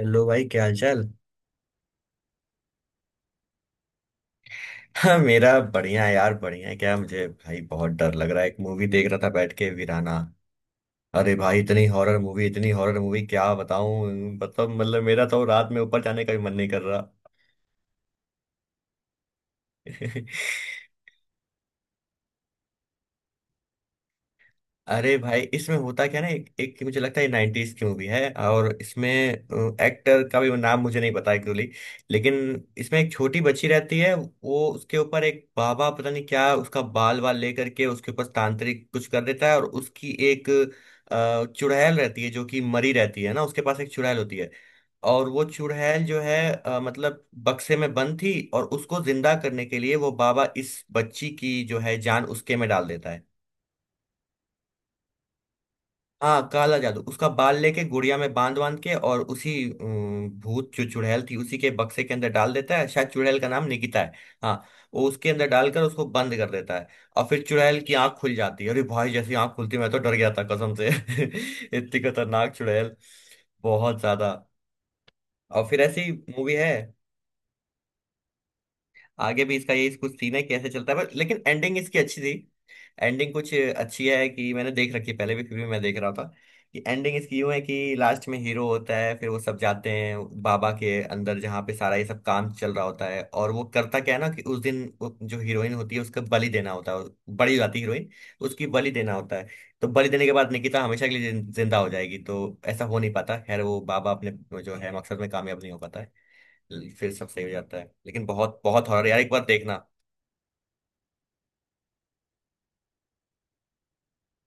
Hello भाई, क्या हाल चाल। हाँ, मेरा बढ़िया है यार, बढ़िया है। क्या मुझे भाई, बहुत डर लग रहा है, एक मूवी देख रहा था बैठ के, वीराना। अरे भाई, इतनी हॉरर मूवी क्या बताऊं। मतलब मेरा तो रात में ऊपर जाने का भी मन नहीं कर रहा। अरे भाई, इसमें होता क्या ना, एक मुझे लगता है नाइनटीज की मूवी है, और इसमें एक्टर का भी नाम मुझे नहीं पता एक्चुअली। लेकिन इसमें एक छोटी बच्ची रहती है, वो उसके ऊपर एक बाबा पता नहीं क्या उसका बाल बाल लेकर के उसके ऊपर तांत्रिक कुछ कर देता है, और उसकी एक चुड़ैल रहती है, जो कि मरी रहती है ना, उसके पास एक चुड़ैल होती है। और वो चुड़ैल जो है, मतलब बक्से में बंद थी, और उसको जिंदा करने के लिए वो बाबा इस बच्ची की जो है जान उसके में डाल देता है। हाँ, काला जादू, उसका बाल लेके गुड़िया में बांध बांध के, और उसी भूत जो चुड़ैल थी उसी के बक्से के अंदर डाल देता है। शायद चुड़ैल का नाम निकिता है। हाँ, वो उसके अंदर डालकर उसको बंद कर देता है। और फिर चुड़ैल की आंख खुल जाती है, अरे भाई जैसी आंख खुलती है, मैं तो डर गया था कसम से। इतनी खतरनाक चुड़ैल, बहुत ज्यादा। और फिर ऐसी मूवी है, आगे भी इसका यही कुछ सीन है, कैसे चलता है, पर लेकिन एंडिंग इसकी अच्छी थी। एंडिंग कुछ अच्छी है कि मैंने देख रखी है पहले भी, फिर भी मैं देख रहा था। कि एंडिंग इसकी यूं है कि लास्ट में हीरो होता है, फिर वो सब जाते हैं बाबा के अंदर, जहाँ पे सारा ये सब काम चल रहा होता है, और वो करता क्या है ना कि उस दिन वो जो हीरोइन होती है उसका बलि देना होता है। बड़ी हो जाती है हीरोइन, उसकी बलि देना होता है। तो बलि देने के बाद निकिता हमेशा के लिए जिंदा हो जाएगी, तो ऐसा हो नहीं पाता। खैर वो बाबा अपने जो है मकसद में कामयाब नहीं हो पाता है, फिर सब सही हो जाता है। लेकिन बहुत बहुत हॉरर यार, एक बार देखना।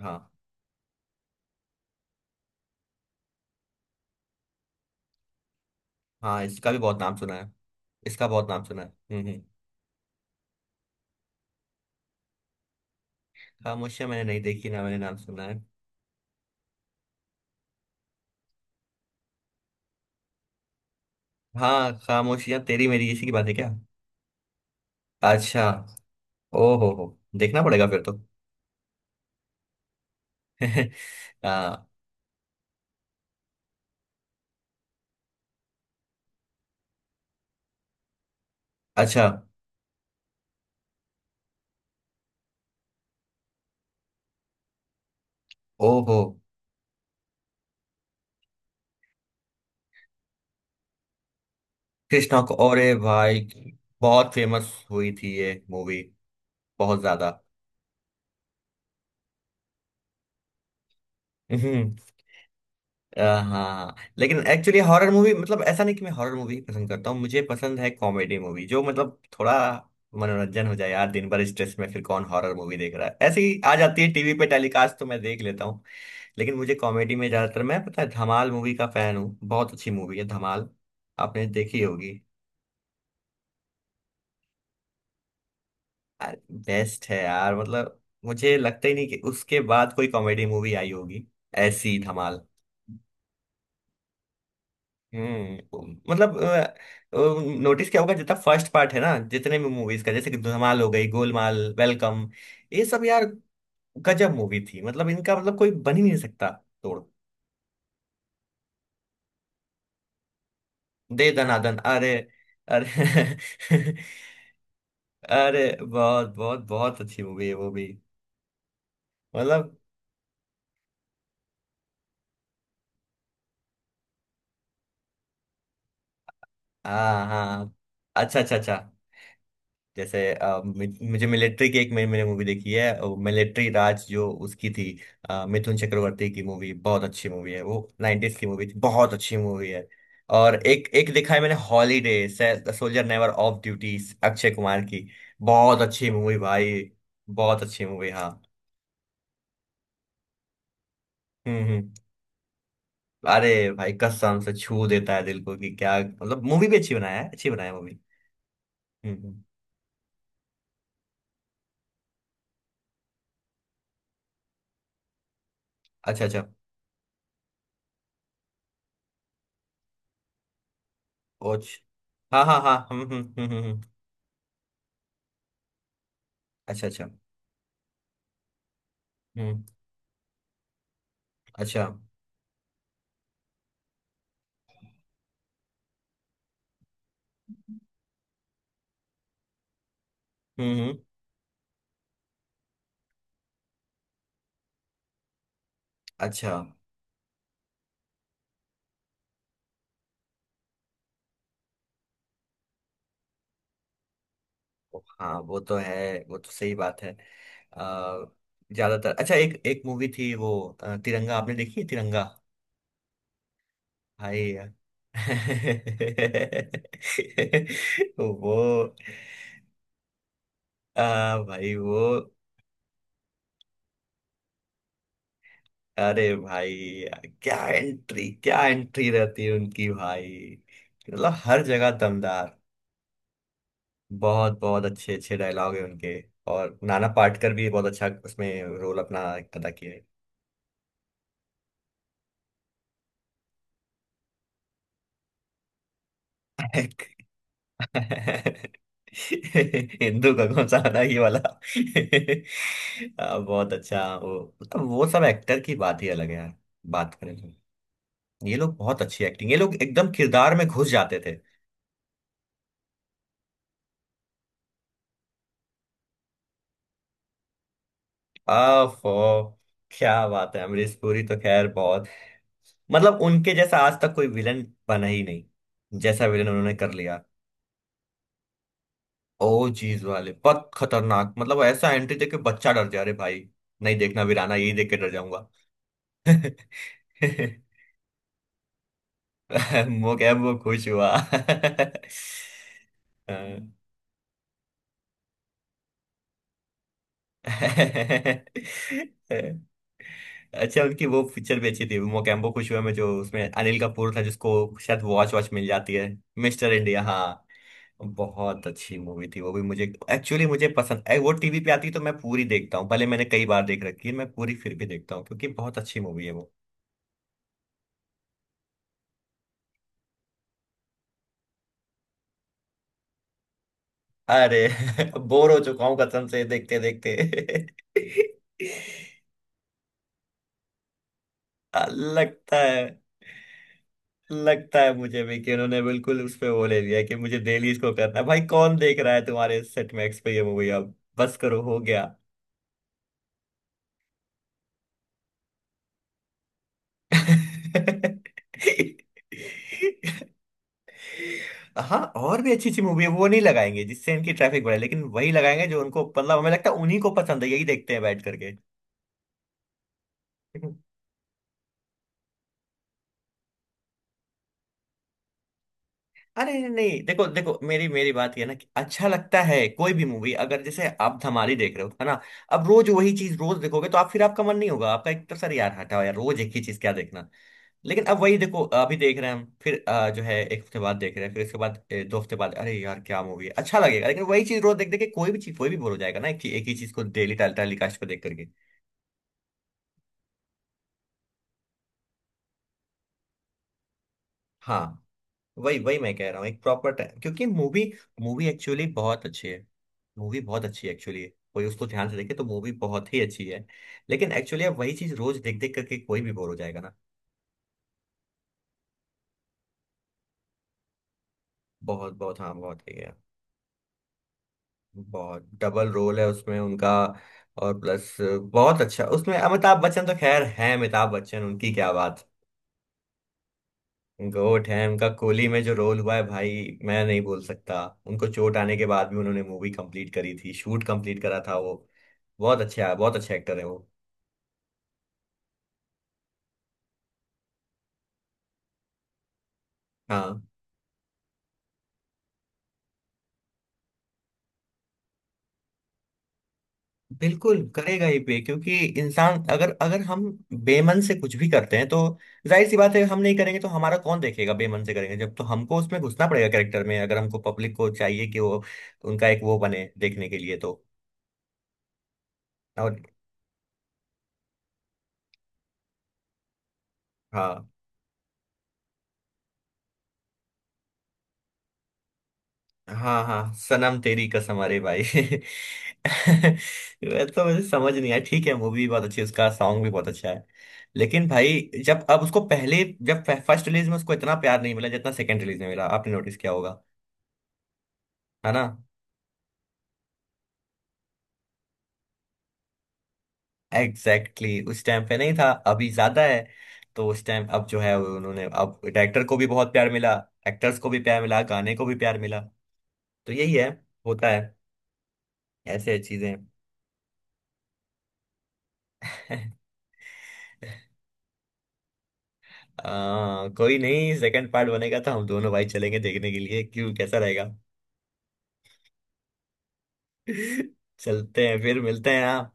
हाँ। हाँ, इसका भी बहुत नाम सुना है। इसका बहुत नाम सुना है। हम्म। खामोशियां मैंने नहीं देखी ना, मैंने नाम सुना है। हाँ, खामोशियां तेरी मेरी इसी की बात है क्या। अच्छा। ओ हो, देखना पड़ेगा फिर तो। हाँ। अच्छा। ओ हो। कृष्णा को, अरे भाई, बहुत फेमस हुई थी ये मूवी, बहुत ज्यादा। अ, हाँ, लेकिन एक्चुअली हॉरर मूवी, मतलब ऐसा नहीं कि मैं हॉरर मूवी पसंद करता हूँ, मुझे पसंद है कॉमेडी मूवी जो, मतलब थोड़ा मनोरंजन हो जाए यार। दिन भर स्ट्रेस में फिर कौन हॉरर मूवी देख रहा है, ऐसे ही आ जाती है टीवी पे टेलीकास्ट तो मैं देख लेता हूँ। लेकिन मुझे कॉमेडी में ज्यादातर, मैं पता है, धमाल मूवी का फैन हूँ, बहुत अच्छी मूवी है धमाल, आपने देखी होगी। बेस्ट है यार, मतलब मुझे लगता ही नहीं कि उसके बाद कोई कॉमेडी मूवी आई होगी ऐसी, धमाल। हम्म, मतलब नोटिस क्या होगा जितना फर्स्ट पार्ट है ना, जितने भी मूवीज का, जैसे कि धमाल हो गई, गोलमाल, वेलकम, ये सब यार, गजब मूवी थी, मतलब इनका मतलब कोई बन ही नहीं सकता तोड़। दे दनादन, अरे, अरे अरे बहुत बहुत बहुत अच्छी मूवी है वो भी, मतलब। हाँ हाँ। अच्छा अच्छा अच्छा। जैसे मुझे मिलिट्री की एक मैंने मैंने मूवी देखी है। मिलिट्री राज जो उसकी थी, मिथुन चक्रवर्ती की मूवी, बहुत अच्छी मूवी है वो, 90s की मूवी थी, बहुत अच्छी मूवी है। और एक एक देखा है मैंने, holiday, soldier never off duty, Akshay Kumar की, बहुत अच्छी मूवी भाई, बहुत अच्छी मूवी, हाँ। हम्म। अरे भाई, कसम से छू देता है दिल को, कि क्या मतलब मूवी भी अच्छी बनाया है, अच्छी बनाया मूवी। हम्म हम्म। अच्छा अच्छा। कोच। हाँ हाँ हाँ, अच्छा अच्छा। हम्म। अच्छा। हम्म। अच्छा। हाँ, वो तो है, वो तो सही बात है। अ, ज्यादातर अच्छा, एक एक मूवी थी वो, तिरंगा आपने देखी है तिरंगा। हाय। वो, भाई वो, अरे भाई क्या एंट्री, क्या एंट्री रहती है उनकी भाई, मतलब हर जगह दमदार। बहुत बहुत अच्छे अच्छे डायलॉग है उनके। और नाना पाटेकर भी बहुत अच्छा उसमें रोल अपना अदा किया है। हिंदू का कौन सा गाना, ये वाला। आ, बहुत अच्छा वो, मतलब वो सब एक्टर की बात ही अलग है यार, बात करें तो। ये लोग बहुत अच्छी एक्टिंग, ये लोग एकदम किरदार में घुस जाते थे। आ फो, क्या बात है, अमरीश पुरी तो खैर बहुत, मतलब उनके जैसा आज तक कोई विलन बना ही नहीं, जैसा विलन उन्होंने कर लिया। ओ चीज वाले बहुत खतरनाक, मतलब ऐसा एंट्री देके बच्चा डर जा रहे भाई, नहीं देखना वीराना, यही देख के डर जाऊंगा। वो क्या, वो खुश हुआ। हाँ। अच्छा, उनकी वो पिक्चर भी अच्छी थी, मोगैम्बो खुश हुआ में जो उसमें अनिल कपूर था, जिसको शायद वॉच वॉच मिल जाती है। मिस्टर इंडिया, हाँ, बहुत अच्छी मूवी थी वो भी, मुझे एक्चुअली मुझे पसंद, वो टीवी पे आती है तो मैं पूरी देखता हूँ, भले मैंने कई बार देख रखी है, मैं पूरी फिर भी देखता हूँ क्योंकि बहुत अच्छी मूवी है वो। अरे बोर हो चुका हूँ कसम से देखते देखते। लगता है, लगता है मुझे भी कि उन्होंने बिल्कुल उस पे वो ले लिया कि मुझे डेली इसको करना है, भाई कौन देख रहा है तुम्हारे सेट मैक्स पे ये मूवी अब, बस करो हो गया। हाँ, और भी अच्छी अच्छी मूवी है, वो नहीं लगाएंगे जिससे इनकी ट्रैफिक बढ़े, लेकिन वही लगाएंगे जो उनको, मतलब हमें लगता है, उन्हीं को पसंद है, यही देखते हैं बैठ करके। अरे नहीं नहीं, देखो देखो, मेरी मेरी बात ये है ना कि अच्छा लगता है कोई भी मूवी, अगर जैसे आप धमाली देख रहे हो है ना, अब रोज वही चीज रोज देखोगे तो आप फिर आपका मन नहीं होगा, आपका एक तरह से यार, हटाओ यार रोज एक ही चीज क्या देखना। लेकिन अब वही देखो, अभी देख रहे हैं हम, फिर जो है एक हफ्ते बाद देख रहे हैं, फिर उसके बाद दो हफ्ते बाद, अरे यार क्या मूवी है अच्छा लगेगा, लेकिन वही चीज रोज देख देख के कोई भी चीज कोई भी बोर हो जाएगा ना, एक ही चीज को डेली टाल टाली कास्ट को देख करके। हाँ, वही वही मैं कह रहा हूँ, एक प्रॉपर टाइम, क्योंकि मूवी मूवी एक्चुअली बहुत अच्छी है, मूवी बहुत अच्छी है एक्चुअली, कोई उसको ध्यान से देखे तो मूवी बहुत ही अच्छी है, लेकिन एक्चुअली अब वही चीज रोज देख देख करके कोई भी बोर हो जाएगा ना। बहुत बहुत, हाँ, बहुत ही है, बहुत। डबल रोल है उसमें उनका, और प्लस बहुत अच्छा उसमें, अमिताभ बच्चन तो खैर है, अमिताभ बच्चन उनकी क्या बात। गोट है, उनका कोहली में जो रोल हुआ है भाई, मैं नहीं बोल सकता, उनको चोट आने के बाद भी उन्होंने मूवी कंप्लीट करी थी, शूट कंप्लीट करा था वो, बहुत अच्छा, बहुत अच्छे एक्टर है वो। हाँ, बिल्कुल करेगा ही पे, क्योंकि इंसान अगर अगर हम बेमन से कुछ भी करते हैं तो, जाहिर सी बात है, हम नहीं करेंगे तो हमारा कौन देखेगा, बेमन से करेंगे जब, तो हमको उसमें घुसना पड़ेगा कैरेक्टर में, अगर हमको पब्लिक को चाहिए कि वो उनका एक वो बने देखने के लिए तो। और हाँ हाँ हाँ, सनम तेरी कसम, अरे भाई वैसे तो मुझे समझ नहीं आया, ठीक है मूवी बहुत अच्छी है, उसका सॉन्ग भी बहुत अच्छा है, लेकिन भाई जब अब उसको पहले, जब फर्स्ट रिलीज में उसको इतना प्यार नहीं मिला जितना सेकंड रिलीज में मिला, आपने नोटिस किया होगा, है ना। Exactly exactly। उस टाइम पे नहीं था, अभी ज्यादा है, तो उस टाइम अब जो है उन्होंने, अब डायरेक्टर को भी बहुत प्यार मिला, एक्टर्स को भी प्यार मिला, गाने को भी प्यार मिला, तो यही है, होता है ऐसे चीजें। आ, कोई नहीं, सेकंड पार्ट बनेगा तो हम दोनों भाई चलेंगे देखने के लिए, क्यों कैसा रहेगा। चलते हैं, फिर मिलते हैं आप।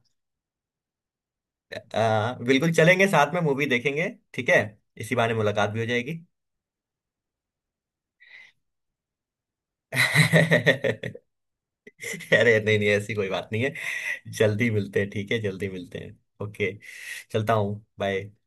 आ, बिल्कुल चलेंगे, साथ में मूवी देखेंगे। ठीक है, इसी बहाने मुलाकात भी हो जाएगी। अरे नहीं नहीं, ऐसी कोई बात नहीं है। जल्दी मिलते हैं, ठीक है, जल्दी मिलते हैं, ओके। चलता हूँ, बाय।